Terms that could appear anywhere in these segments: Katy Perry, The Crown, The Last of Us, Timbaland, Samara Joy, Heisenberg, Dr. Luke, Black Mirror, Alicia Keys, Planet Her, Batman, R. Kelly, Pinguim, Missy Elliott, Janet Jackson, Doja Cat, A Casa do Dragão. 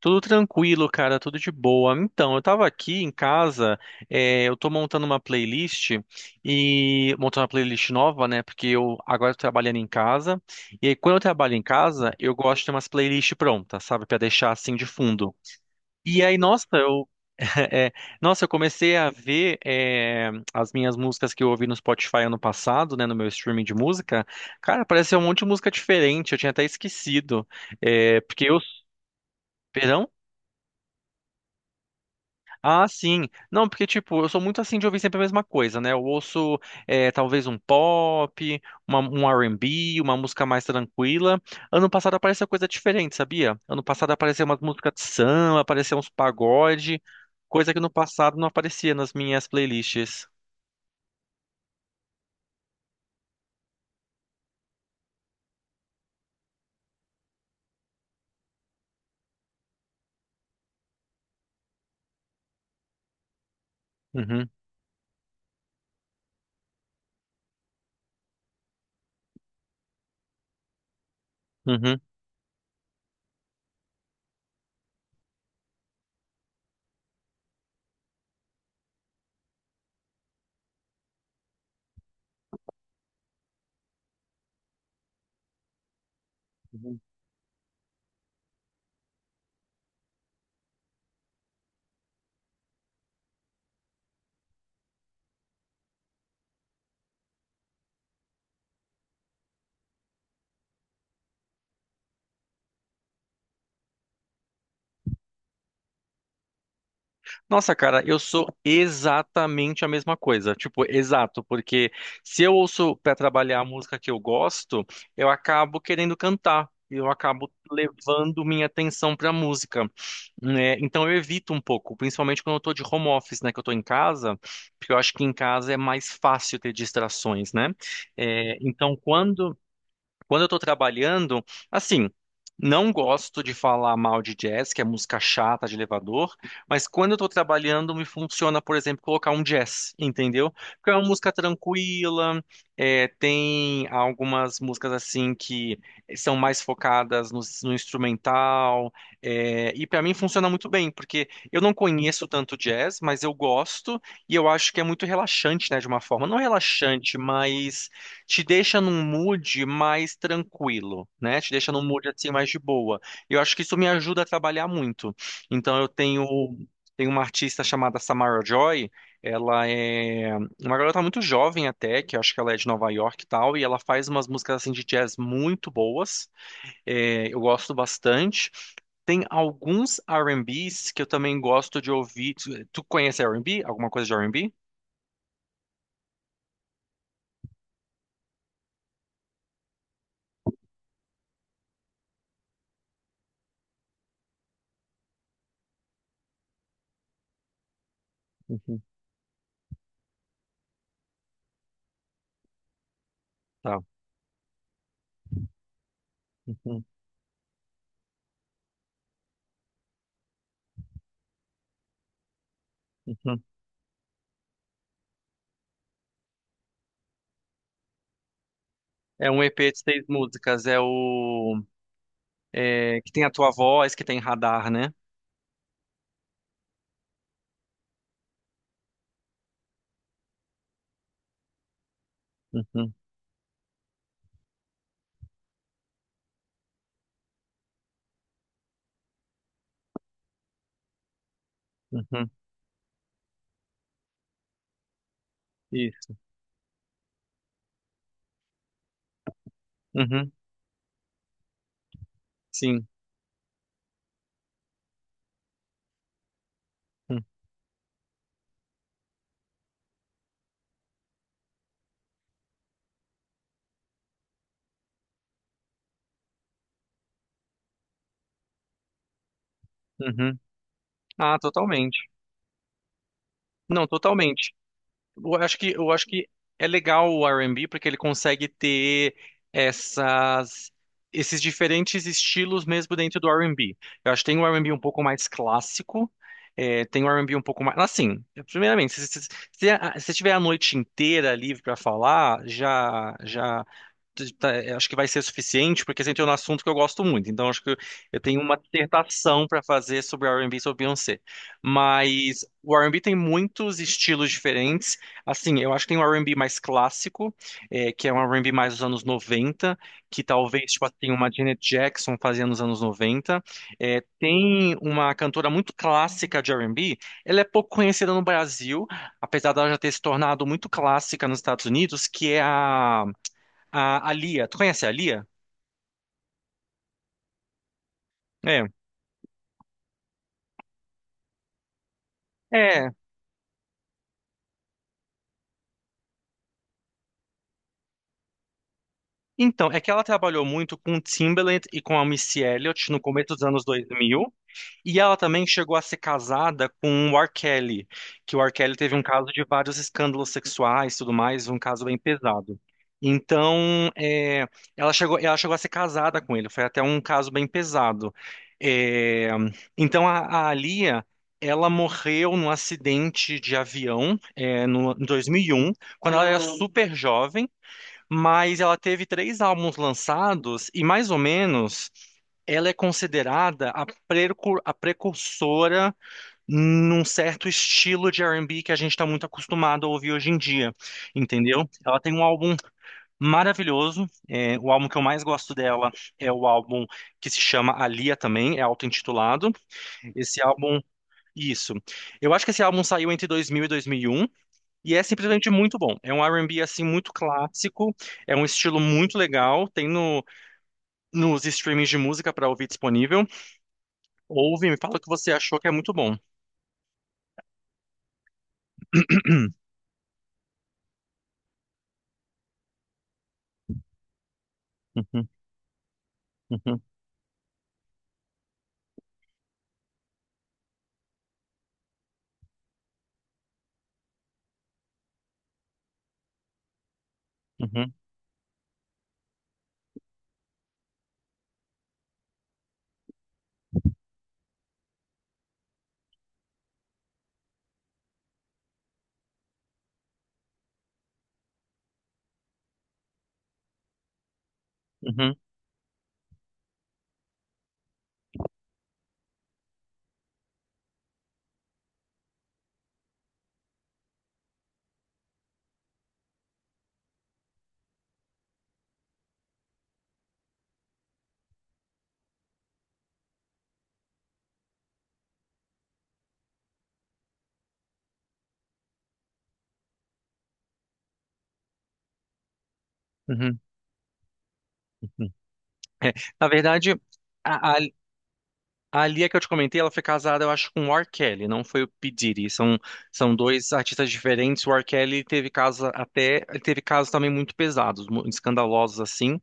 Tudo tranquilo, cara, tudo de boa. Então, eu tava aqui em casa, eu tô montando uma playlist e montando uma playlist nova, né? Porque eu agora tô trabalhando em casa. E aí, quando eu trabalho em casa, eu gosto de ter umas playlists prontas, sabe? Pra deixar assim de fundo. E aí, nossa, eu, é, nossa, eu comecei a ver as minhas músicas que eu ouvi no Spotify ano passado, né, no meu streaming de música. Cara, apareceu um monte de música diferente, eu tinha até esquecido. É, porque eu. Perdão? Ah, sim. Não, porque, tipo, eu sou muito assim de ouvir sempre a mesma coisa, né? Eu ouço, talvez um pop, um R&B, uma música mais tranquila. Ano passado apareceu coisa diferente, sabia? Ano passado apareceu uma música de samba, apareceu uns pagode, coisa que no passado não aparecia nas minhas playlists. Uhum, uhum. Nossa, cara, eu sou exatamente a mesma coisa. Tipo, exato, porque se eu ouço para trabalhar a música que eu gosto, eu acabo querendo cantar. Eu acabo levando minha atenção para a música, né? Então eu evito um pouco, principalmente quando eu tô de home office, né? Que eu tô em casa, porque eu acho que em casa é mais fácil ter distrações, né? É, então quando eu tô trabalhando, assim, não gosto de falar mal de jazz, que é música chata de elevador, mas quando eu tô trabalhando, me funciona, por exemplo, colocar um jazz, entendeu? Porque é uma música tranquila, é, tem algumas músicas assim que são mais focadas no instrumental, é, e pra mim funciona muito bem, porque eu não conheço tanto jazz, mas eu gosto e eu acho que é muito relaxante, né, de uma forma, não relaxante, mas te deixa num mood mais tranquilo, né? Te deixa num mood assim mais de boa. Eu acho que isso me ajuda a trabalhar muito. Então eu tenho uma artista chamada Samara Joy, ela é uma garota muito jovem até, que eu acho que ela é de Nova York e tal, e ela faz umas músicas assim de jazz muito boas. É, eu gosto bastante. Tem alguns R&Bs que eu também gosto de ouvir. Tu conhece R&B? Alguma coisa de R&B? Uhum, tá. Uhum, uhum. É um EP de seis músicas. É o que tem a tua voz, que tem radar, né? Uhum, uhum, isso. Uhum, sim. Uhum. Uhum. Ah, totalmente. Não, totalmente. Eu acho que é legal o R&B porque ele consegue ter essas, esses diferentes estilos mesmo dentro do R&B. Eu acho que tem o R&B um pouco mais clássico, é, tem o R&B um pouco mais... Assim, primeiramente, se tiver a noite inteira livre para falar, eu acho que vai ser suficiente porque você entrou no assunto que eu gosto muito. Então, acho que eu tenho uma dissertação para fazer sobre R&B e B e sobre Beyoncé. Mas o R&B tem muitos estilos diferentes. Assim, eu acho que tem um R&B mais clássico, que é um R&B mais dos anos 90, que talvez, tipo, tem uma Janet Jackson fazia nos anos 90. Tem uma cantora muito clássica de R&B, ela é pouco conhecida no Brasil, apesar dela já ter se tornado muito clássica nos Estados Unidos, que é a Lia. Tu conhece a Lia? É. É. Então, é que ela trabalhou muito com Timbaland e com a Missy Elliott no começo dos anos 2000. E ela também chegou a ser casada com o R. Kelly, que o R. Kelly teve um caso de vários escândalos sexuais e tudo mais, um caso bem pesado. Então, ela chegou a ser casada com ele, foi até um caso bem pesado. É, então, a Lia, ela morreu num acidente de avião, é, no, em 2001, quando ela era super jovem. Mas ela teve três álbuns lançados e, mais ou menos, ela é considerada a precursora num certo estilo de R&B que a gente está muito acostumado a ouvir hoje em dia, entendeu? Ela tem um álbum maravilhoso, é, o álbum que eu mais gosto dela é o álbum que se chama Alia também, é auto-intitulado. Esse álbum, isso. Eu acho que esse álbum saiu entre 2000 e 2001. E é simplesmente muito bom. É um R&B assim muito clássico, é um estilo muito legal, tem no, nos streamings de música para ouvir disponível. Ouve, me fala o que você achou que é muito bom. Uhum, uhum, uhum, uhum, uhum, uhum. É, na verdade, a, a, a Lia que eu te comentei, ela foi casada, eu acho, com o R. Kelly, não foi o P. Diddy. São dois artistas diferentes. O R. Kelly teve casos até, ele teve casos também muito pesados, escandalosos assim.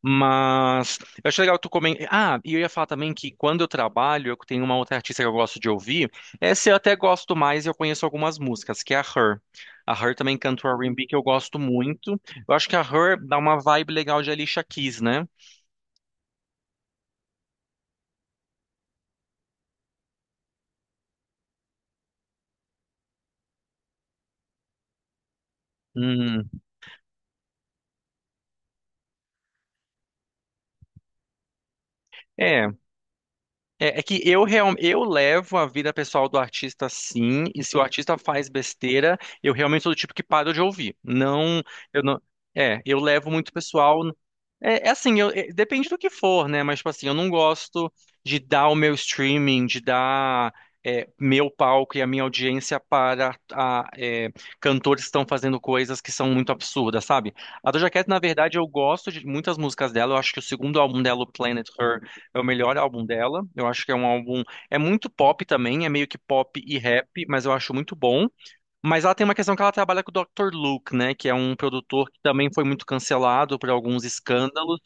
Mas eu acho legal tu comentar. Ah, e eu ia falar também que quando eu trabalho, eu tenho uma outra artista que eu gosto de ouvir. Essa eu até gosto mais e eu conheço algumas músicas, que é a Her. A Her também canta o R&B que eu gosto muito. Eu acho que a Her dá uma vibe legal de Alicia Keys, né? Hum. É, É, é que eu, real, eu levo a vida pessoal do artista sim, e se o artista faz besteira, eu realmente sou do tipo que paro de ouvir. Não, eu não. É, eu levo muito pessoal. É, é assim, depende do que for, né? Mas, tipo assim, eu não gosto de dar o meu streaming, de dar meu palco e a minha audiência para cantores que estão fazendo coisas que são muito absurdas, sabe? A Doja Cat, na verdade, eu gosto de muitas músicas dela. Eu acho que o segundo álbum dela, o Planet Her é o melhor álbum dela. Eu acho que é um álbum. É muito pop também, é meio que pop e rap, mas eu acho muito bom. Mas ela tem uma questão que ela trabalha com o Dr. Luke, né? Que é um produtor que também foi muito cancelado por alguns escândalos.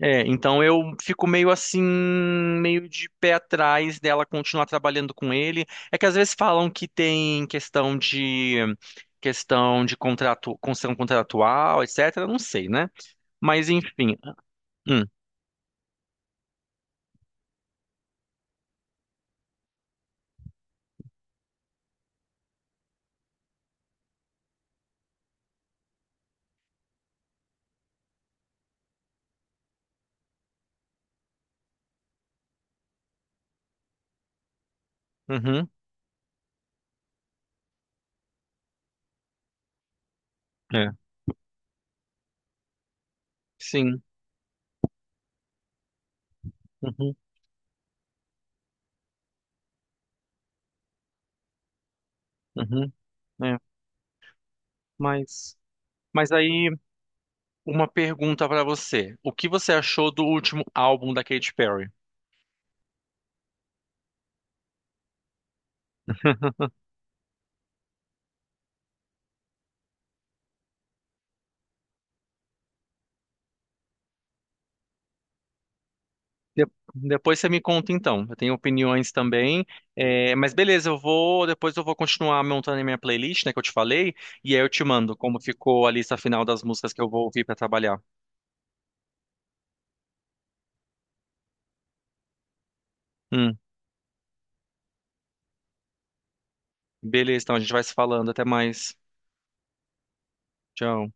É, então eu fico meio assim, meio de pé atrás dela continuar trabalhando com ele. É que às vezes falam que tem questão de. Questão de contrato, questão contratual, etc. Não sei, né? Mas enfim. Hum, uhum, é, sim. Uhum, uhum. Né? Mas, mas aí, uma pergunta pra você. O que você achou do último álbum da Katy Perry? De- depois você me conta então. Eu tenho opiniões também. É, mas beleza, eu vou. Depois eu vou continuar montando a minha playlist, né, que eu te falei. E aí eu te mando como ficou a lista final das músicas que eu vou ouvir pra trabalhar. Hum, beleza, então a gente vai se falando. Até mais. Tchau.